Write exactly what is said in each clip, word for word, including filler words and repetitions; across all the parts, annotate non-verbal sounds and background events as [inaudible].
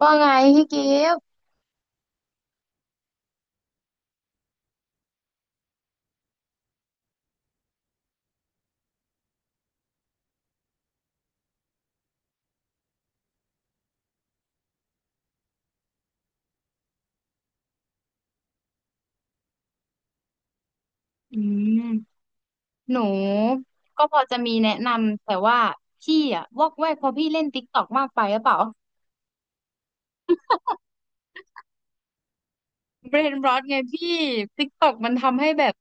ว่าไงพี่กิฟต์อืมหนูก็พอจะมีแนะนำแต่ว่าพี่อะวอกแวกเพราะพี่เล่นติ๊กตอกมากไปหรือเปล่าเบรนรอตไงพี่ติ๊กตอกมันทำให้แบบ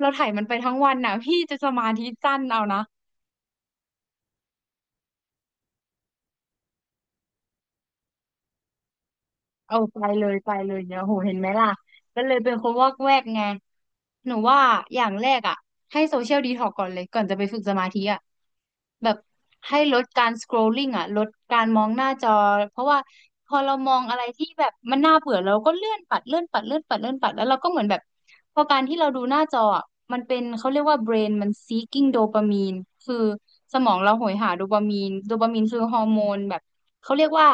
เราถ่ายมันไปทั้งวันน่ะพี่จะสมาธิสั้นเอานะ เอาไปเลยไปเลยเนี่ยโหเห็นไหมล่ะก็เลยเป็นคนวอกแวกไงหนูว่าอย่างแรกอ่ะให้โซเชียลดีท็อกก่อนเลยก่อนจะไปฝึกสมาธิอ่ะแบบให้ลดการส c คร l ลิ่งอ่ะลดการมองหน้าจอเพราะว่าพอเรามองอะไรที่แบบมันน่าเบื่อเราก็เลื่อนปัดเลื่อนปัดเลื่อนปัดเลื่อนปัดแล้วเราก็เหมือนแบบพอการที่เราดูหน้าจออะมันเป็นเขาเรียกว่า brain มัน seeking โดปามีนคือสมองเราโหยหาโดปามีนโดปามีนคือฮอร์โมนแบบเขาเรียกว่า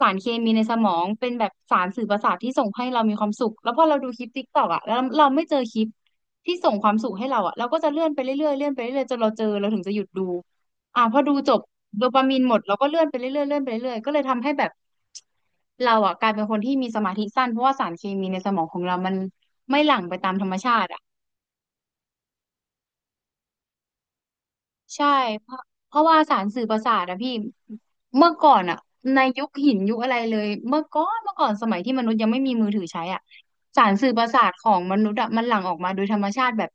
สารเคมีในสมองเป็นแบบสารสื่อประสาทที่ส่งให้เรามีความสุขแล้วพอเราดูคลิปติ๊กตอกอ่ะแล้วเราไม่เจอคลิปที่ส่งความสุขให้เราอ่ะเราก็จะเลื่อนไปเรื่อยๆเลื่อนไปเรื่อยๆจนเราเจอเราถึงจะหยุดดูอ่ะพอดูจบโดปามีนหมดเราก็เลื่อนไปเรื่อยๆเลื่อนไปเรื่อยๆก็เลยทำให้แบบเราอ่ะกลายเป็นคนที่มีสมาธิสั้นเพราะว่าสารเคมีในสมองของเรามันไม่หลั่งไปตามธรรมชาติอะ ใช่เพราะเพราะว่าสารสื่อประสาทอะพี่เมื่อก่อนอะในยุคหินยุคอะไรเลยเมื่อก่อนเมื่อก่อนสมัยที่มนุษย์ยังไม่มีมือถือใช้อะสารสื่อประสาทของมนุษย์อะมันหลั่งออกมาโดยธรรมชาติแบบ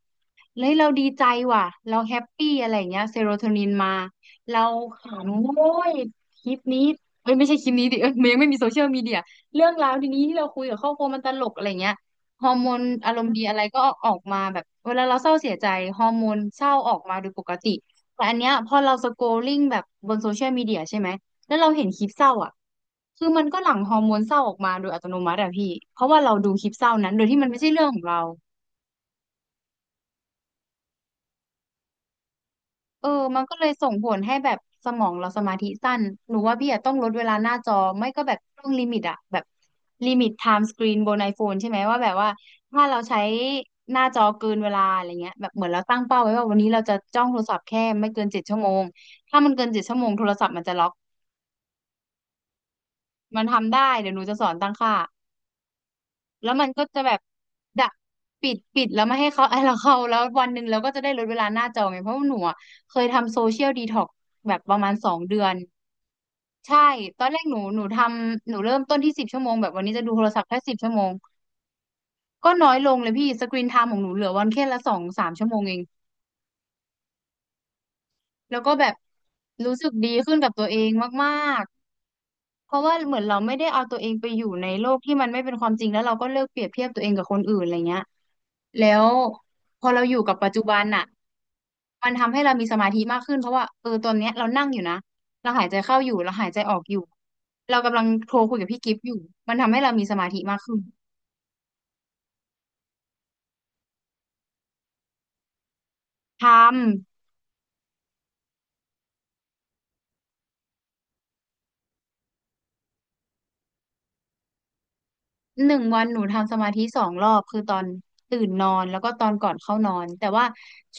เฮ้ยเราดีใจว่ะเราแฮปปี้อะไรอย่างเงี้ยเซโรโทนินมาเราขำโอ้ยคลิปนี้เอ้ยไม่ใช่คลิปนี้ดิเอ้ยมันยังไม่มีโซเชียลมีเดียเรื่องราวดีนี้ที่เราคุยกับครอบครัวมันตลกอะไรเงี้ยฮอร์โมนอารมณ์ดีอะไรก็ออกมาแบบเวลาเราเศร้าเสียใจฮอร์โมนเศร้าออกมาโดยปกติ แต่อันเนี้ยพอเราสโกลลิ่งแบบบนโซเชียลมีเดียใช่ไหม แล้วเราเห็นคลิปเศร้าอ่ะคือมันก็หลั่งฮอร์โมนเศร้าออกมาโดยอัตโนมัติอะพี่ เพราะว่าเราดูคลิปเศร้านั้นโดยที่มันไม่ใช่เรื่องของเราเออมันก็เลยส่งผลให้แบบสมองเราสมาธิสั้นหนูว่าพี่อะต้องลดเวลาหน้าจอ ไม่ก็แบบต้องลิมิตอะแบบลิมิตไทม์สกรีนบนไอโฟนใช่ไหมว่าแบบว่าถ้าเราใช้หน้าจอเกินเวลาอะไรเงี้ยแบบเหมือนเราตั้งเป้าไว้ว่าวันนี้เราจะจ้องโทรศัพท์แค่ไม่เกินเจ็ดชั่วโมงถ้ามันเกินเจ็ดชั่วโมงโทรศัพท์มันจะล็อก มันทำได้ เดี๋ยวหนูจะสอนตั้งค่า แล้วมันก็จะแบบดะปิด ปิดแล้วไม่ให้เขา [laughs] ไอ้เราเข้าแล้ววันหนึ่งเราก็จะได้ลดเวลาหน้าจอไง เพราะว่าหนูอะเคยทำโซเชียลดีท็อกแบบประมาณสองเดือน ใช่ ตอนแรกหนู หนูทำหนูเริ่มต้นที่สิบชั่วโมง แบบวันนี้จะดูโทรศัพท์แค่สิบชั่วโมง ก็น้อยลงเลยพี่สกรีนไทม์ของหนูเหลือวันแค่ละสองสามชั่วโมงเองแล้วก็แบบรู้สึกดีขึ้นกับตัวเองมาก เพราะว่าเหมือนเราไม่ได้เอาตัวเองไปอยู่ในโลกที่มันไม่เป็นความจริงแล้วเราก็เลิกเปรียบเทียบตัวเองกับคนอื่นอะไรเงี้ยแล้วพอเราอยู่กับปัจจุบันน่ะมันทำให้เรามีสมาธิมากขึ้นเพราะว่าเออตอนเนี้ยเรานั่งอยู่นะ เราหายใจเข้าอยู่ เราหายใจออกอยู่ เรากำลังโทรคุยกับพี่กิฟต์อยู่มันทำให้เรามีสมาธิมากขึ้นทำหนึ่งวันหนูทำสมาธิสองรอบคือตอนตื่นนอนแล้วก็ตอนก่อนเข้านอนแต่ว่า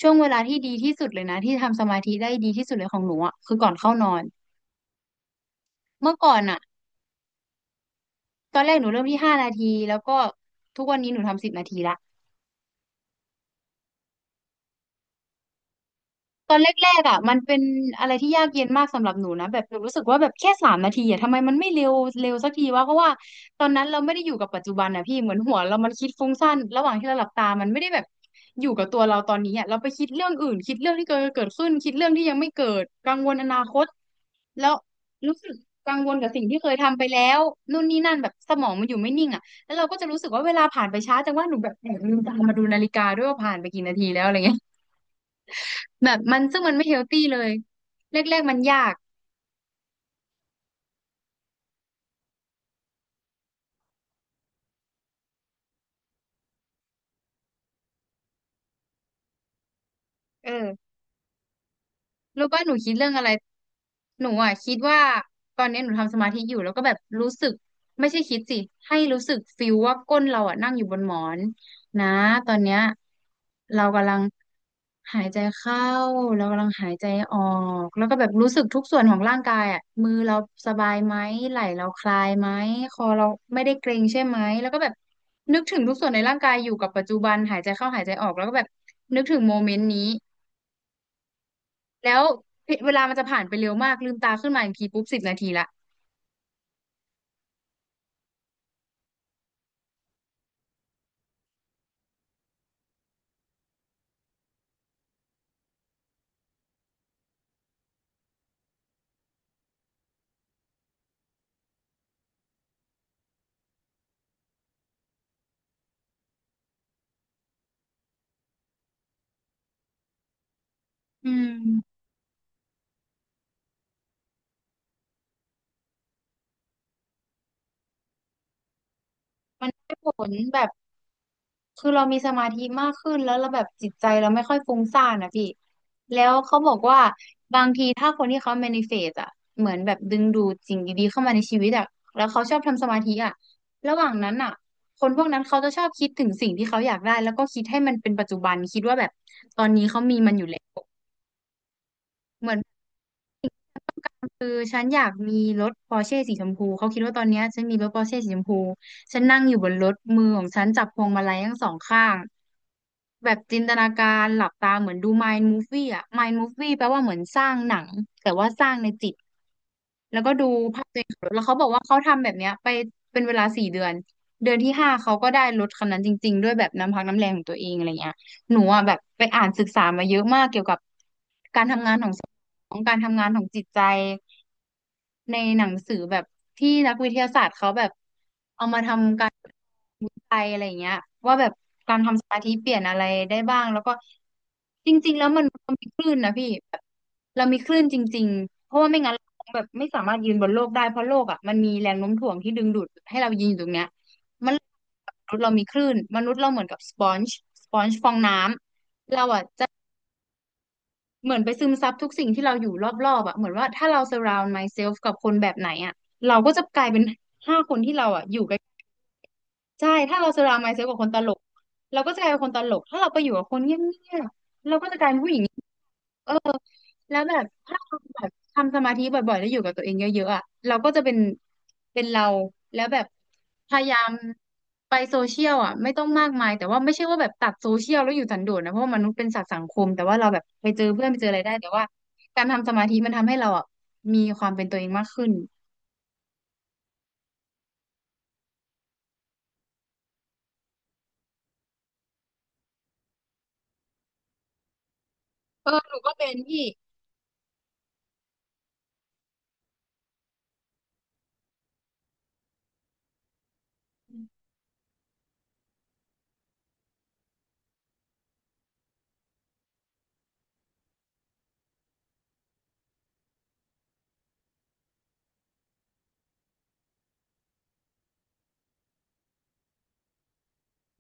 ช่วงเวลาที่ดีที่สุดเลยนะที่ทำสมาธิได้ดีที่สุดเลยของหนูอ่ะคือก่อนเข้านอน เมื่อก่อนอะตอนแรกหนูเริ่มที่ห้านาที แล้วก็ทุกวันนี้หนูทำสิบนาทีละ ตอนแรกๆอ่ะมันเป็นอะไรที่ยากเย็นมากสำหรับหนูนะแบบหนูรู้สึกว่าแบบแค่สามนาทีอ่ะทำไมมันไม่เร็วเร็วสักทีวะเพราะว่าตอนนั้นเราไม่ได้อยู่กับปัจจุบันอ่ะพี่เหมือนหัวเรามันคิดฟุ้งซ่านระหว่างที่เราหลับตามันไม่ได้แบบอยู่กับตัวเราตอนนี้อ่ะเราไปคิดเรื่องอื่นคิดเรื่องที่เกิดเกิดขึ้นคิดเรื่องที่ยังไม่เกิดกังวลอนาคตแล้วรู้สึกกังวลกับสิ่งที่เคยทำไปแล้วนู่นนี่นั่นแบบสมองมันอยู่ไม่นิ่งอ่ะแล้วเราก็จะรู้สึกว่าเวลาผ่านไปช้าจังว่าหนูแบบแอบลืมตามาดูนาฬิกาด้วยว่าผ่านไปกี่นาทีแล้วอะไรเงี้ย แบบมันซึ่งมันไม่เฮลตี้เลยแรกๆมันยากเออ รู้ป่ะหนูคิดเรื่องอะไรหนูอ่ะคิดว่าตอนนี้หนูทำสมาธิอยู่แล้วก็แบบรู้สึกไม่ใช่คิดสิให้รู้สึกฟิลว่าก้นเราอ่ะนั่งอยู่บนหมอนนะตอนเนี้ยเรากำลังหายใจเข้าเรากำลังหายใจออกแล้วก็แบบรู้สึกทุกส่วนของร่างกายอ่ะมือเราสบายไหมไหล่เราคลายไหมคอเราไม่ได้เกร็งใช่ไหมแล้วก็แบบนึกถึงทุกส่วนในร่างกายอยู่กับปัจจุบันหายใจเข้าหายใจออกแล้วก็แบบนึกถึงโมเมนต์นี้ แล้วเวลามันจะผ่านไปเร็วมาก ลืมตาขึ้นมาอีกทีปุ๊บสิบนาทีละอืมมันได้ผลแบบคือเรามีสมาธิมากขึ้นแล้วเราแบบจิตใจเราไม่ค่อยฟุ้งซ่านนะพี่แล้วเขาบอกว่าบางทีถ้าคนที่เขา แมนิเฟสต์ อ่ะเหมือนแบบดึงดูดสิ่งดีๆเข้ามาในชีวิตอ่ะแล้วเขาชอบทำสมาธิอ่ะระหว่างนั้นอ่ะคนพวกนั้นเขาจะชอบคิดถึงสิ่งที่เขาอยากได้แล้วก็คิดให้มันเป็นปัจจุบันคิดว่าแบบตอนนี้เขามีมันอยู่แล้วเหมือน คือฉันอยากมีรถปอร์เช่สีชมพูเขาคิดว่าตอนเนี้ยฉันมีรถปอร์เช่สีชมพูฉันนั่งอยู่บนรถมือของฉันจับพวงมาลัยทั้งสองข้างแบบจินตนาการหลับตาเหมือนดู Mind Movie อะ Mind Movie แปลว่าเหมือนสร้างหนังแต่ว่าสร้างในจิตแล้วก็ดูภาพตัวเองขับรถแล้วเขาบอกว่าเขาทำแบบเนี้ยไปเป็นเวลาสี่เดือนเดือนที่ห้าเขาก็ได้รถคันนั้นจริงๆด้วยแบบน้ำพักน้ำแรงของตัวเองอะไรเงี้ย หนูอ่ะแบบไปอ่านศึกษามาเยอะมากเกี่ยวกับการทำงานของสมองการทำงานของจิตใจ ในหนังสือแบบที่นักวิทยาศาสตร์เขาแบบเอามาทำการวิจัยอะไรอย่างเงี้ยว่าแบบการทำสมาธิเปลี่ยนอะไรได้บ้างแล้วก็จริงๆแล้วมันมันมีคลื่นนะพี่แบบเรามีคลื่นจริงๆเพราะว่าไม่งั้นเราคงแบบไม่สามารถยืนบนโลกได้เพราะโลกอ่ะมันมีแรงโน้มถ่วงที่ดึงดูดให้เรายืนอยู่ตรงเนี้ยมันมนุษย์เรามีคลื่นมนุษย์เราเหมือนกับสปอนจ์สปอนจ์ฟองน้ำเราอ่ะจะ เหมือนไปซึมซับทุกสิ่งที่เราอยู่รอบๆอ่ะเหมือนว่าถ้าเรา surround myself กับคนแบบไหนอ่ะเราก็จะกลายเป็นห้าคนที่เราอ่ะอยู่ใกล้ใช่ถ้าเรา surround myself กับคนตลกเราก็จะกลายเป็นคนตลกถ้าเราไปอยู่กับคนเงียบๆเราก็จะกลายเป็นผู้หญิง แล้วแบบถ้าเราแบบทำสมาธิบ่อยๆแล้วอยู่กับตัวเองเยอะๆอ่ะเราก็จะเป็นเป็นเราแล้วแบบพยายามไปโซเชียลอ่ะไม่ต้องมากมายแต่ว่าไม่ใช่ว่าแบบตัดโซเชียลแล้วอยู่สันโดษนะเพราะว่ามนุษย์เป็นสัตว์สังคมแต่ว่าเราแบบไปเจอเพื่อนไปเจออะไรได้แต่ว่าการทำสมาธิมันทำให้เราอ่ะมีความเป็นตัวเองมากขึ้นเออหนูก็เป็นพี่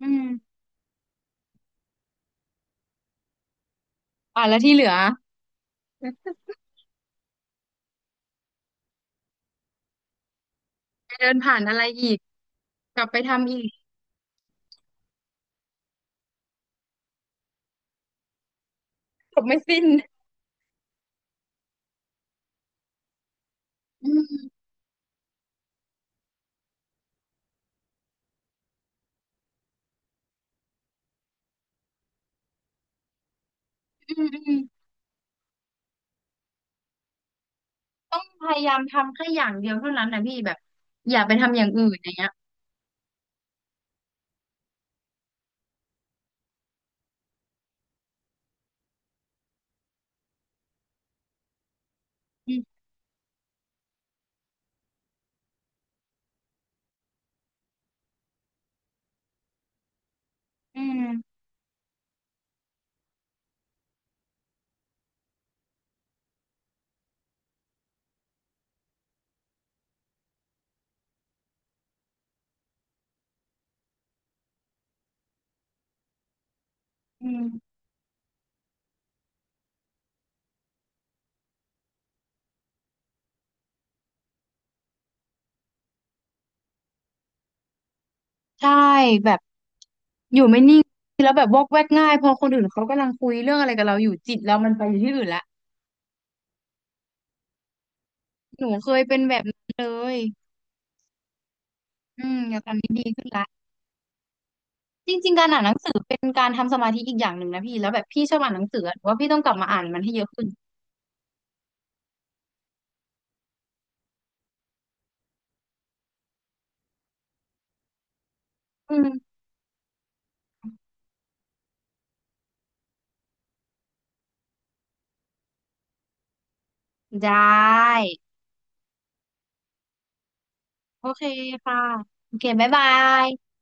อืมอ่ะแล้วที่เหลือไปเดินผ่านอะไรอีกกลับไปทำอีกจบไม่สิ้นอืมอืมอืม ต้องพยายามทำแค่อย่างเดียวเท่านั้นนะพี่แบบอย่าไปทำอย่างอื่นอย่างเงี้ยอืมอืมอืมใช่แบบอยู่ไม่นิ่งแล้วแบบวอกแวกง่ายพอคนอื่นเขากำลังคุยเรื่องอะไรกับเราอยู่จิตเรามันไปอยู่ที่อื่นละหนูเคยเป็นแบบนั้นเลยอืมอยากทำให้ดีขึ้นละจริงๆการอ่านหนังสือเป็นการทำสมาธิอีกอย่างหนึ่งนะพี่แล้วแบบพี่ชอบอ่านหนังสือหรือว่าพี่ต้องกลับมาอ่านมันให้เยอะขึ้นอืมได้โอเคค่ะโอเคบ๊ายบาย